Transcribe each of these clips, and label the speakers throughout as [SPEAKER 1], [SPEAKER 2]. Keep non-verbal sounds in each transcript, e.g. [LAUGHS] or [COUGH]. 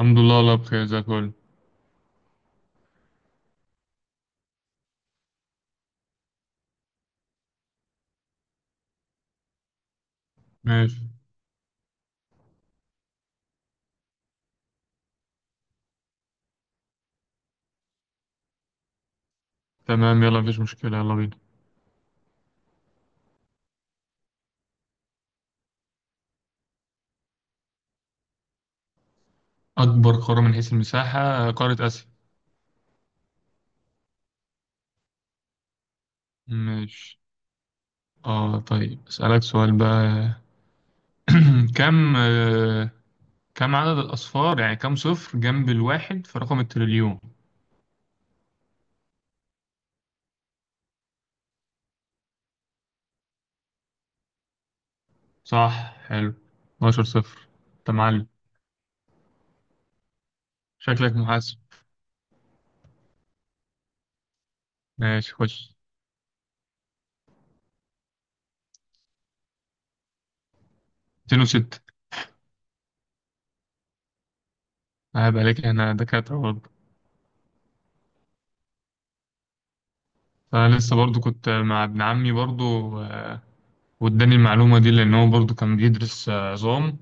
[SPEAKER 1] الحمد لله، والله بخير زي الفل. ماشي. تمام، يلا مفيش مشكلة، يلا بينا. أكبر قارة من حيث المساحة قارة آسيا. ماشي. اه طيب، أسألك سؤال بقى. [CLEARS THROAT] كم كم عدد الأصفار؟ يعني كم صفر جنب الواحد في رقم التريليون؟ صح، حلو، 12 صفر. أنت معلم، شكلك محاسب. ماشي خش. 206. عيب عليك، احنا دكاترة برضه. فأنا لسه برضه كنت مع ابن عمي برضه، آه، واداني المعلومة دي لأن هو برضه كان بيدرس عظام.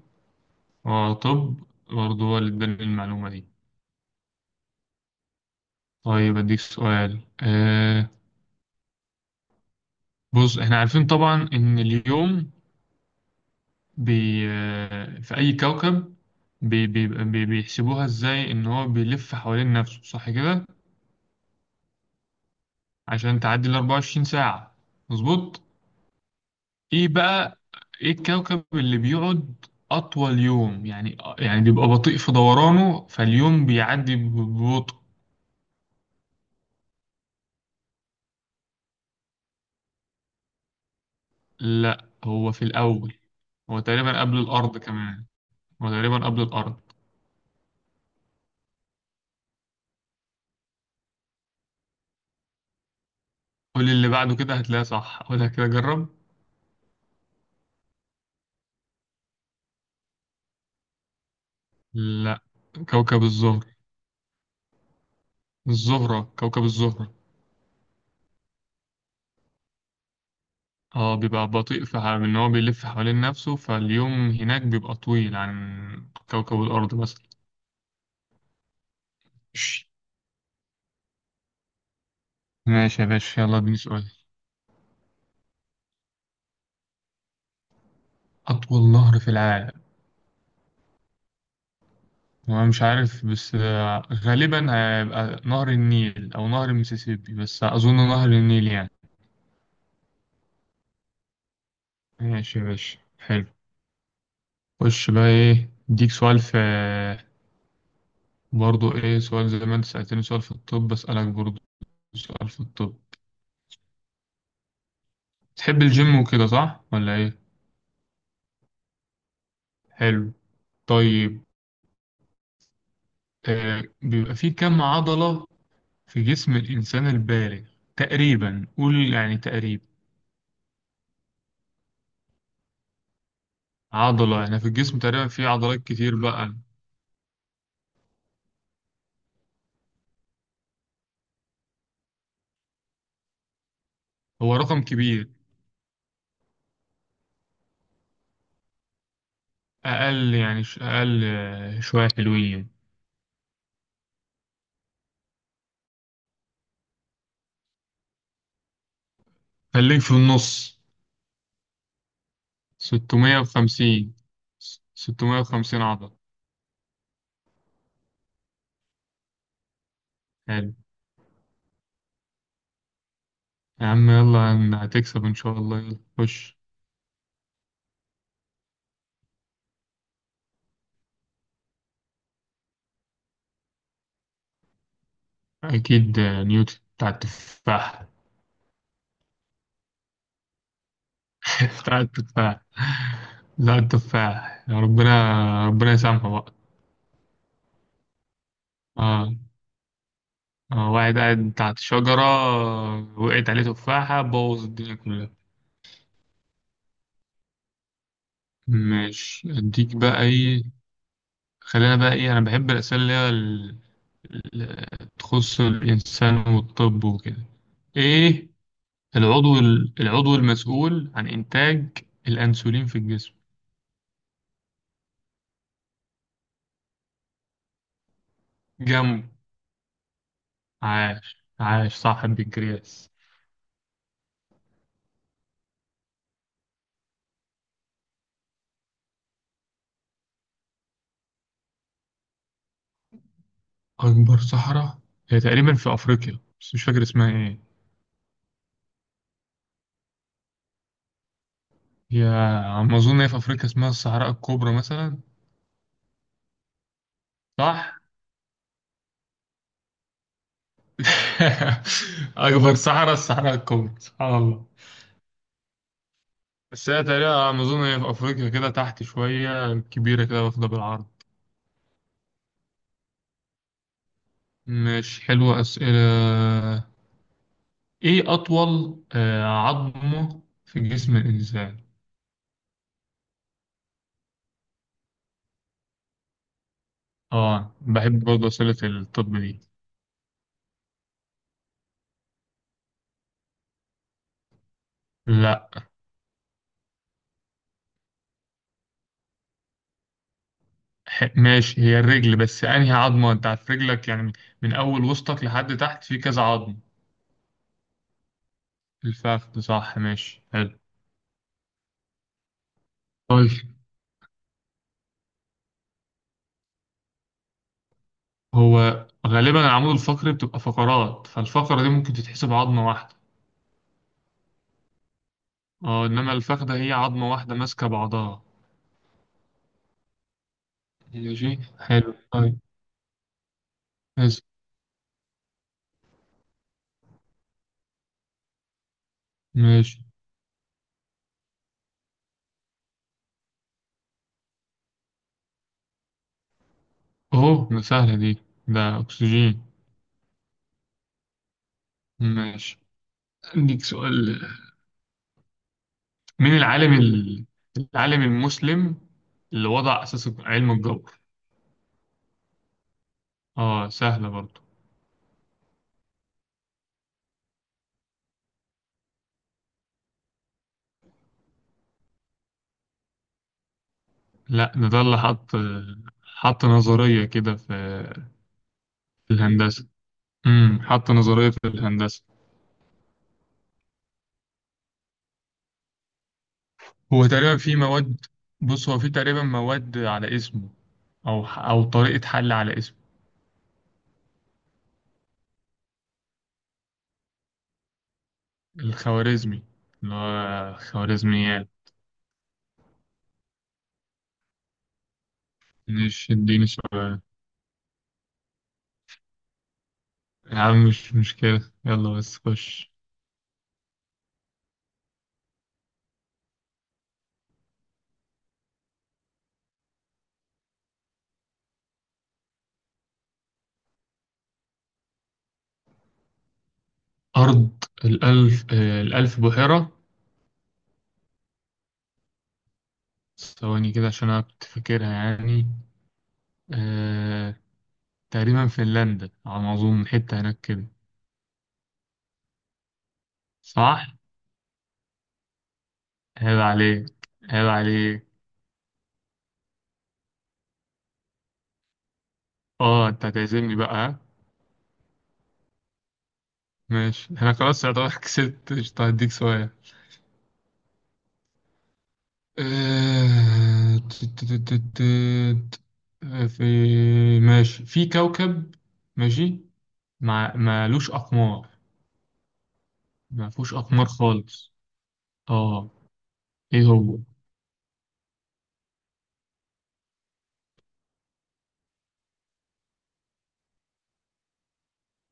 [SPEAKER 1] اه طب، برضه هو اللي اداني المعلومة دي. طيب اديك سؤال آه. بص احنا عارفين طبعا ان اليوم بي آه في اي كوكب، بي بي بي بيحسبوها ازاي؟ ان هو بيلف حوالين نفسه، صح كده؟ عشان تعدي ال 24 ساعة. مظبوط. ايه بقى ايه الكوكب اللي بيقعد اطول يوم؟ يعني بيبقى بطيء في دورانه فاليوم بيعدي ببطء. لا، هو في الاول، هو تقريبا قبل الارض كمان، وتقريبا قبل الأرض. قول لي اللي بعده كده هتلاقيه صح، أقولها كده، جرب. لا، كوكب الزهر، الزهرة، كوكب الزهرة. اه بيبقى بطيء في ان هو بيلف حوالين نفسه، فاليوم هناك بيبقى طويل عن كوكب الأرض مثلا. ماشي، ماشي يا باشا، يلا اديني سؤال. أطول نهر في العالم، هو مش عارف بس غالبا هيبقى نهر النيل أو نهر المسيسيبي، بس أظن نهر النيل يعني. ماشي يا باشا، حلو. خش بقى، ايه اديك سؤال في، برضو ايه سؤال زي ما انت سألتني سؤال في الطب بسألك برضو سؤال في الطب. تحب الجيم وكده صح ولا ايه؟ حلو. طيب. آه بيبقى في كم عضلة في جسم الإنسان البالغ؟ تقريبا قول، يعني تقريبا عضلة، يعني في الجسم تقريبا في عضلات كتير بقى، هو رقم كبير. أقل، يعني أقل شوية حلوين. خليك في النص. 650. 650 عضلة. حلو. يا عم يلا هتكسب إن شاء الله، يلا خش. أكيد نيوتن بتاع التفاح. [LAUGHS] بتاع التفاح، بتاع التفاح يا ربنا، ربنا يسامحه بقى. آه. آه. واحد قاعد تحت شجرة، وقعت عليه تفاحة بوظ الدنيا كلها. ماشي أديك بقى إيه. خلينا بقى إيه، أنا بحب الأسئلة اللي هي ال- تخص الإنسان والطب وكده. إيه العضو العضو المسؤول عن إنتاج الأنسولين في الجسم؟ جنب. عاش، عاش، صح البنكرياس. أكبر صحراء، هي تقريبا في أفريقيا بس مش فاكر اسمها إيه. هي على ما أظن هي في أفريقيا، اسمها الصحراء الكبرى مثلا. صح؟ [LAUGHS] أكبر صحراء الصحراء الكبرى، سبحان الله. بس هي تقريبا على ما أظن هي في أفريقيا كده تحت شوية، كبيرة كده واخدة بالعرض. مش حلوة أسئلة. إيه أطول عظمة في جسم الإنسان؟ آه بحب برضه أسئلة الطب دي. لا. ماشي، هي الرجل، بس انهي عظمة؟ انت عارف رجلك يعني من اول وسطك لحد تحت في كذا عظم. الفخذ، صح، ماشي حلو. طيب، هو غالبا العمود الفقري بتبقى فقرات، فالفقرة دي ممكن تتحسب عظمة واحدة. اه انما الفخذة هي عظمة واحدة ماسكة بعضها. ماشي حلو طيب، بس ماشي. اهو ده سهلة دي، ده اكسجين. ماشي. عندك سؤال. مين العالم العالم المسلم اللي وضع اساس علم الجبر؟ اه سهلة برضه. لا، ده اللي حط نظرية كده في في الهندسة. امم، حط نظرية في الهندسة. هو تقريبا في مواد، بص هو في تقريبا مواد على اسمه، أو طريقة حل على اسمه. الخوارزمي، اللي هو خوارزميات. مش اديني سؤال يا عم؟ مش مشكلة يلا، بس خش. أرض الألف الألف بحيرة. ثواني كده عشان أنا كنت فاكرها يعني. أه... تقريبا فنلندا على ما أظن، حتة هناك كده. صح. عيب عليك، عيب عليك. اه انت هتعزمني بقى ها؟ ماشي انا خلاص يعتبر [LAUGHS] كسبت قشطة، هديك سؤال. آه، تت- تت- تت- تت. آه، في ماشي في كوكب، ماشي، ما مالوش اقمار، ما فيهوش اقمار خالص. اه. ايه هو؟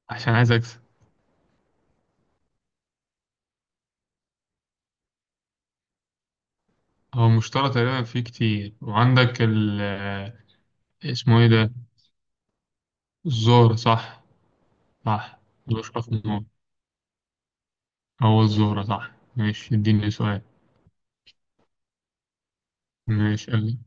[SPEAKER 1] عشان عايز اكسب. هو مشترى تقريبا فيه كتير. وعندك ال اسمه ايه ده، الزهر، صح. صح، ملوش اقمار، هو الزهرة، صح. ماشي اديني سؤال. ماشي قال لي.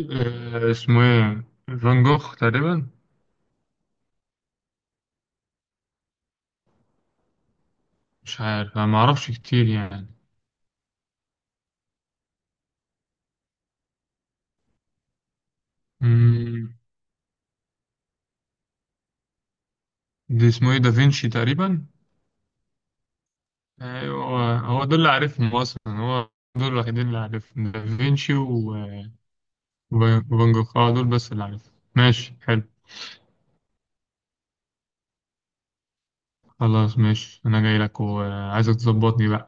[SPEAKER 1] أه اسمه ايه، فان جوخ تقريبا. مش عارف، انا معرفش كتير يعني. مم. دي اسمه ايه، دافينشي تقريبا. ايوه هو دول اللي عارفهم اصلا، هو دول الوحيدين اللي عارفهم، دافينشي و وفان جوخ، اه دول بس اللي عارفهم. ماشي حلو. خلاص ماشي، انا جاي لك وعايزك تظبطني بقى.